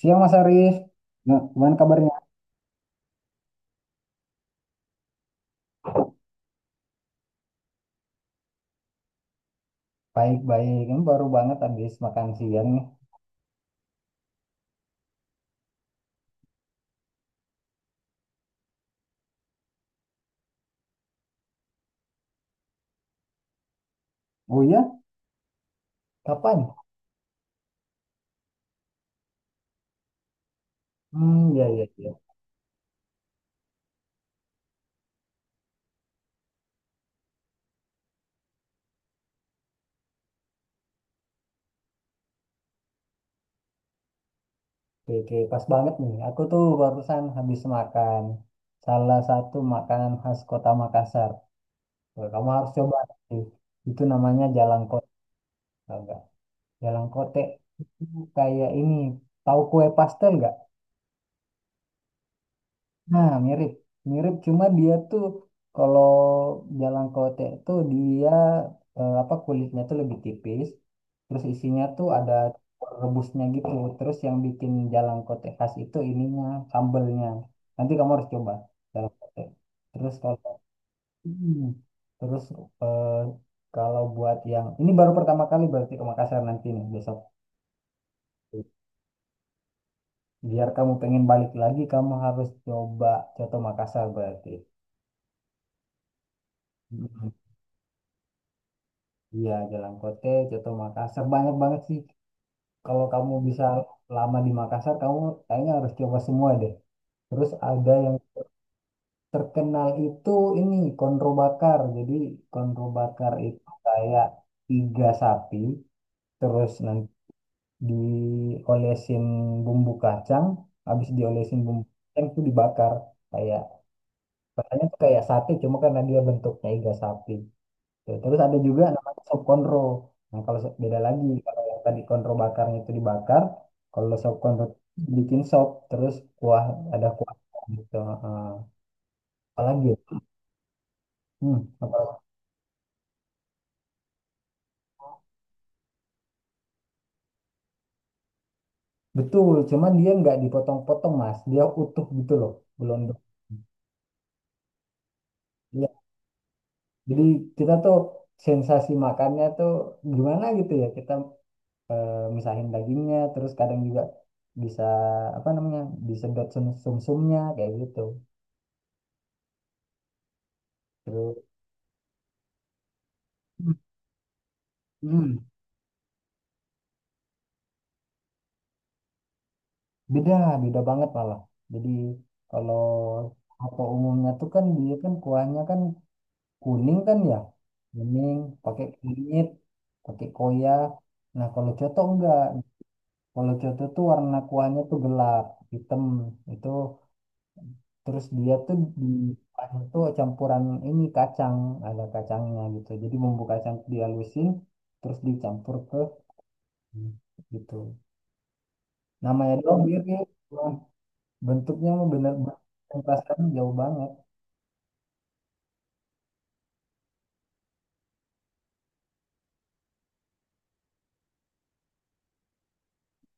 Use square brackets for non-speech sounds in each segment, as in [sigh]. Siang Mas Arif, nah, gimana kabarnya? Baik-baik, ini baru banget habis makan siang nih. Oh iya, kapan? Hmm, ya ya ya. Oke, oke, pas banget nih. Aku tuh barusan habis makan salah satu makanan khas Kota Makassar. Wah, kamu harus coba sih. Itu namanya Jalangkote, tau nggak? Jalangkote itu kayak ini, tahu kue pastel nggak? Nah, mirip. Mirip, cuma dia tuh kalau jalan kote itu dia, apa, kulitnya tuh lebih tipis. Terus isinya tuh ada rebusnya gitu. Terus yang bikin jalan kote khas itu ininya, sambelnya. Nanti kamu harus coba jalan kote. Terus kalau Hmm. terus eh, Kalau buat yang ini baru pertama kali berarti ke Makassar nanti nih besok. Biar kamu pengen balik lagi, kamu harus coba Coto Makassar berarti. Hmm. Iya, Jalan Kote, Coto Makassar. Banyak banget sih. Kalau kamu bisa lama di Makassar, kamu kayaknya harus coba semua deh. Terus ada yang terkenal itu ini, konro bakar. Jadi konro bakar itu kayak iga sapi, terus nanti diolesin bumbu kacang, habis diolesin bumbu kacang itu dibakar. Kayak, rasanya tuh kayak sate, cuma karena dia bentuknya iga sapi. Tuh, terus ada juga namanya sop konro. Nah, beda lagi, kalau yang tadi konro bakarnya itu dibakar, kalau sop konro bikin sop, terus kuah ada kuah gitu. Heeh. Apalagi? Ya? Hmm, Apalagi? Betul, cuman dia nggak dipotong-potong, Mas. Dia utuh gitu loh, belum. Iya, jadi kita tuh sensasi makannya tuh gimana gitu ya. Kita misahin dagingnya, terus kadang juga bisa apa namanya, disedot sum-sumnya kayak gitu. Terus Hmm. Beda, beda banget malah. Jadi kalau apa umumnya tuh kan dia kan kuahnya kan kuning kan ya, kuning pakai kunyit, pakai koya. Nah, kalau coto enggak, kalau coto tuh warna kuahnya tuh gelap, hitam itu. Terus dia tuh di kuahnya tuh campuran ini kacang, ada kacangnya gitu. Jadi bumbu kacang tuh dihalusin, terus dicampur ke gitu. Namanya doang mirip. Bentuknya mah bener-bener perasaan jauh banget.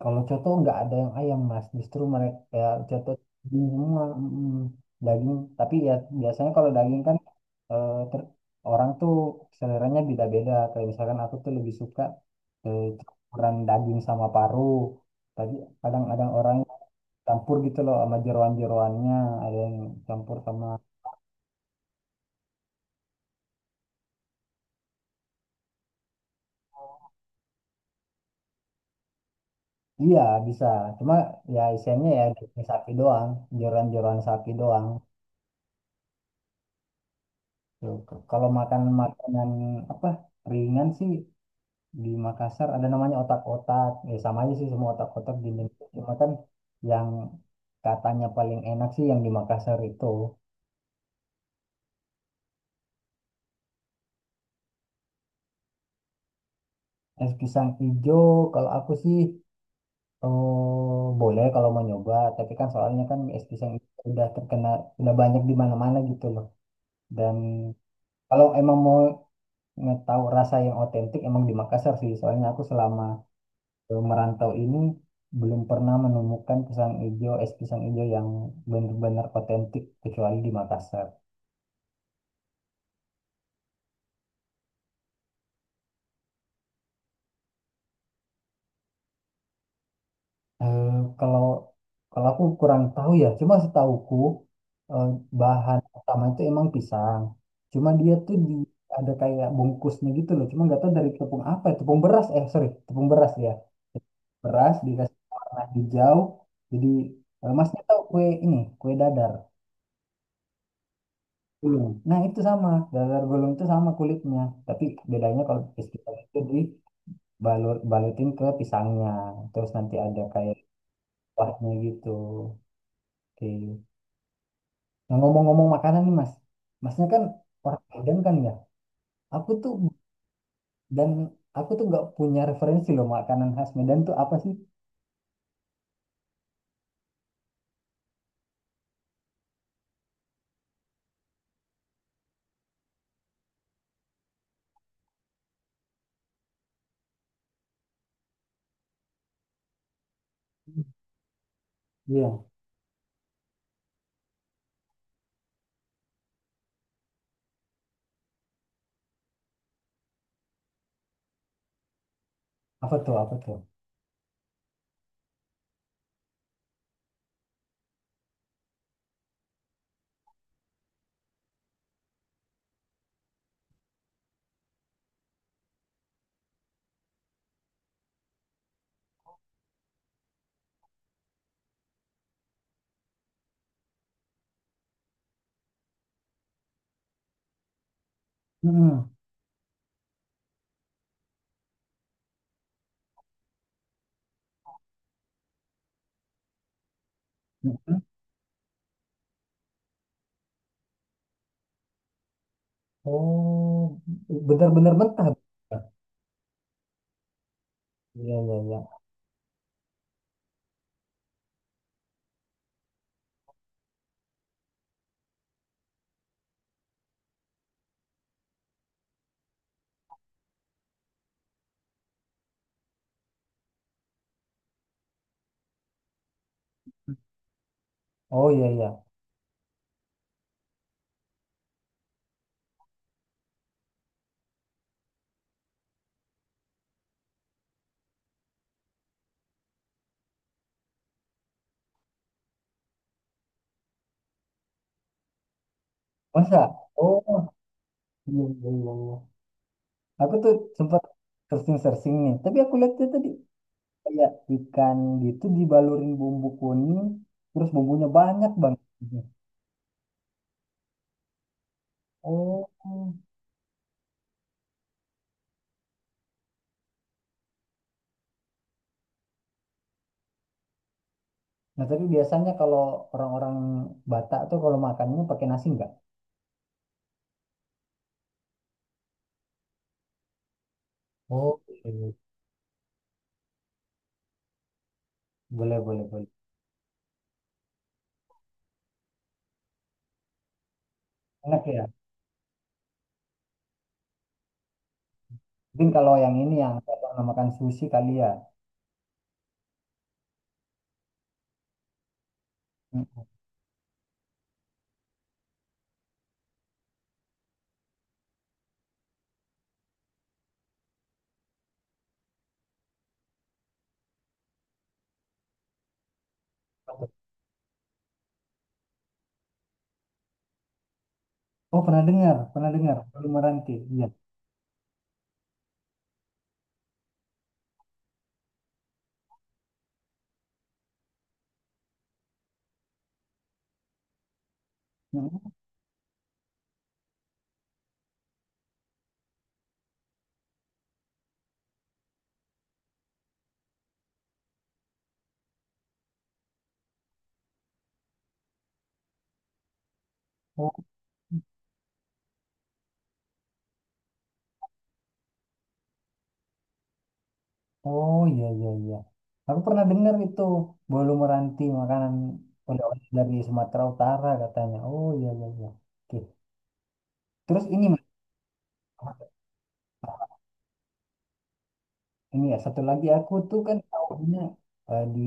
Kalau coto nggak ada yang ayam mas, justru mereka ya coto daging semua, daging. Tapi ya biasanya kalau daging kan eh, ter- orang tuh seleranya beda-beda. Kayak misalkan aku tuh lebih suka campuran daging sama paru. Tapi kadang-kadang orang campur gitu loh sama jeroan-jeroannya, ada yang campur sama Iya, bisa, cuma ya isiannya ya daging sapi doang, jeroan-jeroan sapi doang. Tuh, kalau makan makanan apa ringan sih di Makassar ada namanya otak-otak. Ya sama aja sih semua otak-otak di Indonesia. Cuma kan yang katanya paling enak sih yang di Makassar itu es pisang ijo. Kalau aku sih boleh kalau mau nyoba. Tapi kan soalnya kan es pisang ijo udah banyak di mana-mana gitu loh. Dan kalau emang mau ngetahu rasa yang otentik emang di Makassar sih. Soalnya aku selama merantau ini belum pernah menemukan pisang ijo, es pisang ijo yang benar-benar otentik kecuali di Makassar. Eh, kalau kalau aku kurang tahu ya, cuma setahuku eh, bahan utama itu emang pisang. Cuma dia tuh di ada kayak bungkusnya gitu loh, cuma nggak tahu dari tepung apa, ya, tepung beras ya. Beras dikasih warna hijau. Jadi masnya tahu kue ini, kue dadar. Iya. Nah itu sama, dadar gulung itu sama kulitnya, tapi bedanya kalau festival itu di balutin ke pisangnya, terus nanti ada kayak kuahnya gitu. Oke. Nah, ngomong-ngomong makanan nih Mas, Masnya kan orang Medan kan ya. Aku tuh dan aku tuh nggak punya referensi loh makanan khas Medan tuh apa sih? Iya. Apa tuh? Apa tuh? Mm-mm. Mm-mm. Oh, benar-benar mentah. Iya iya iya. Oh iya iya. Masa? Oh iya iya iya. Aku tuh sempat searching-searching nih, tapi aku lihat tuh tadi kayak ikan gitu dibalurin bumbu kuning, terus bumbunya banyak banget gitu. Oh. Nah, tapi biasanya kalau orang-orang Batak tuh kalau makannya pakai nasi enggak? Oh, iya. Boleh, boleh, boleh. Enak ya? Mungkin kalau yang ini yang Batak namakan sushi kali ya. Mm-mm. Oh, pernah dengar, pernah dengar. Belum meranti, iya. Mm-mm. Oh iya iya iya. Aku pernah dengar itu bolu meranti makanan oleh-oleh dari Sumatera Utara katanya. Oh iya iya iya. Oke. Terus ini Mas, ini ya satu lagi aku tuh kan tahunya di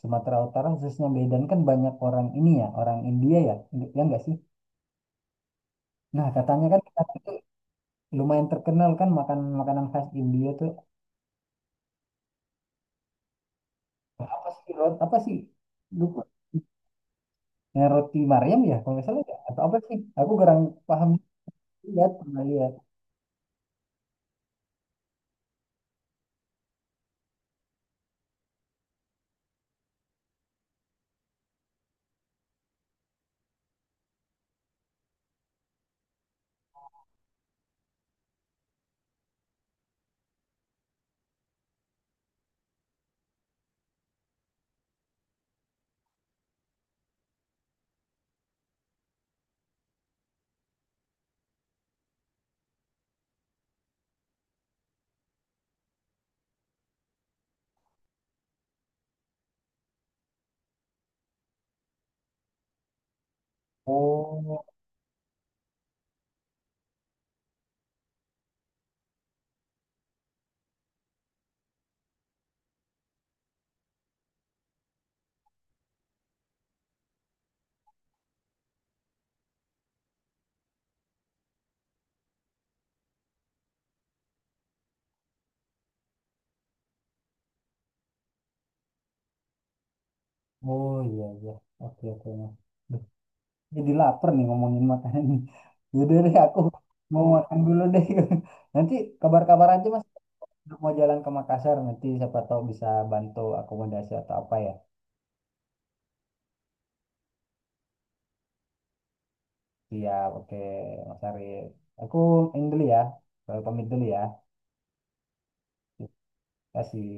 Sumatera Utara khususnya Medan kan banyak orang ini ya orang India ya, ya enggak sih? Nah, katanya kan kita itu lumayan terkenal kan makan makanan khas India tuh apa sih, apa sih, lupa. Roti Maryam ya kalau nggak salah ya atau apa sih? Aku kurang paham. Lihat, pernah lihat. Oh, oh iya iya. Oke oke. Mas. Duh, jadi lapar nih ngomongin makanan ini. Yaudah deh aku mau makan dulu deh. [laughs] Nanti kabar-kabar aja Mas. Mau jalan ke Makassar nanti siapa tahu bisa bantu akomodasi atau apa ya. Siap, oke Mas Arif. Aku ini dulu ya. Pamit dulu ya. Terima kasih.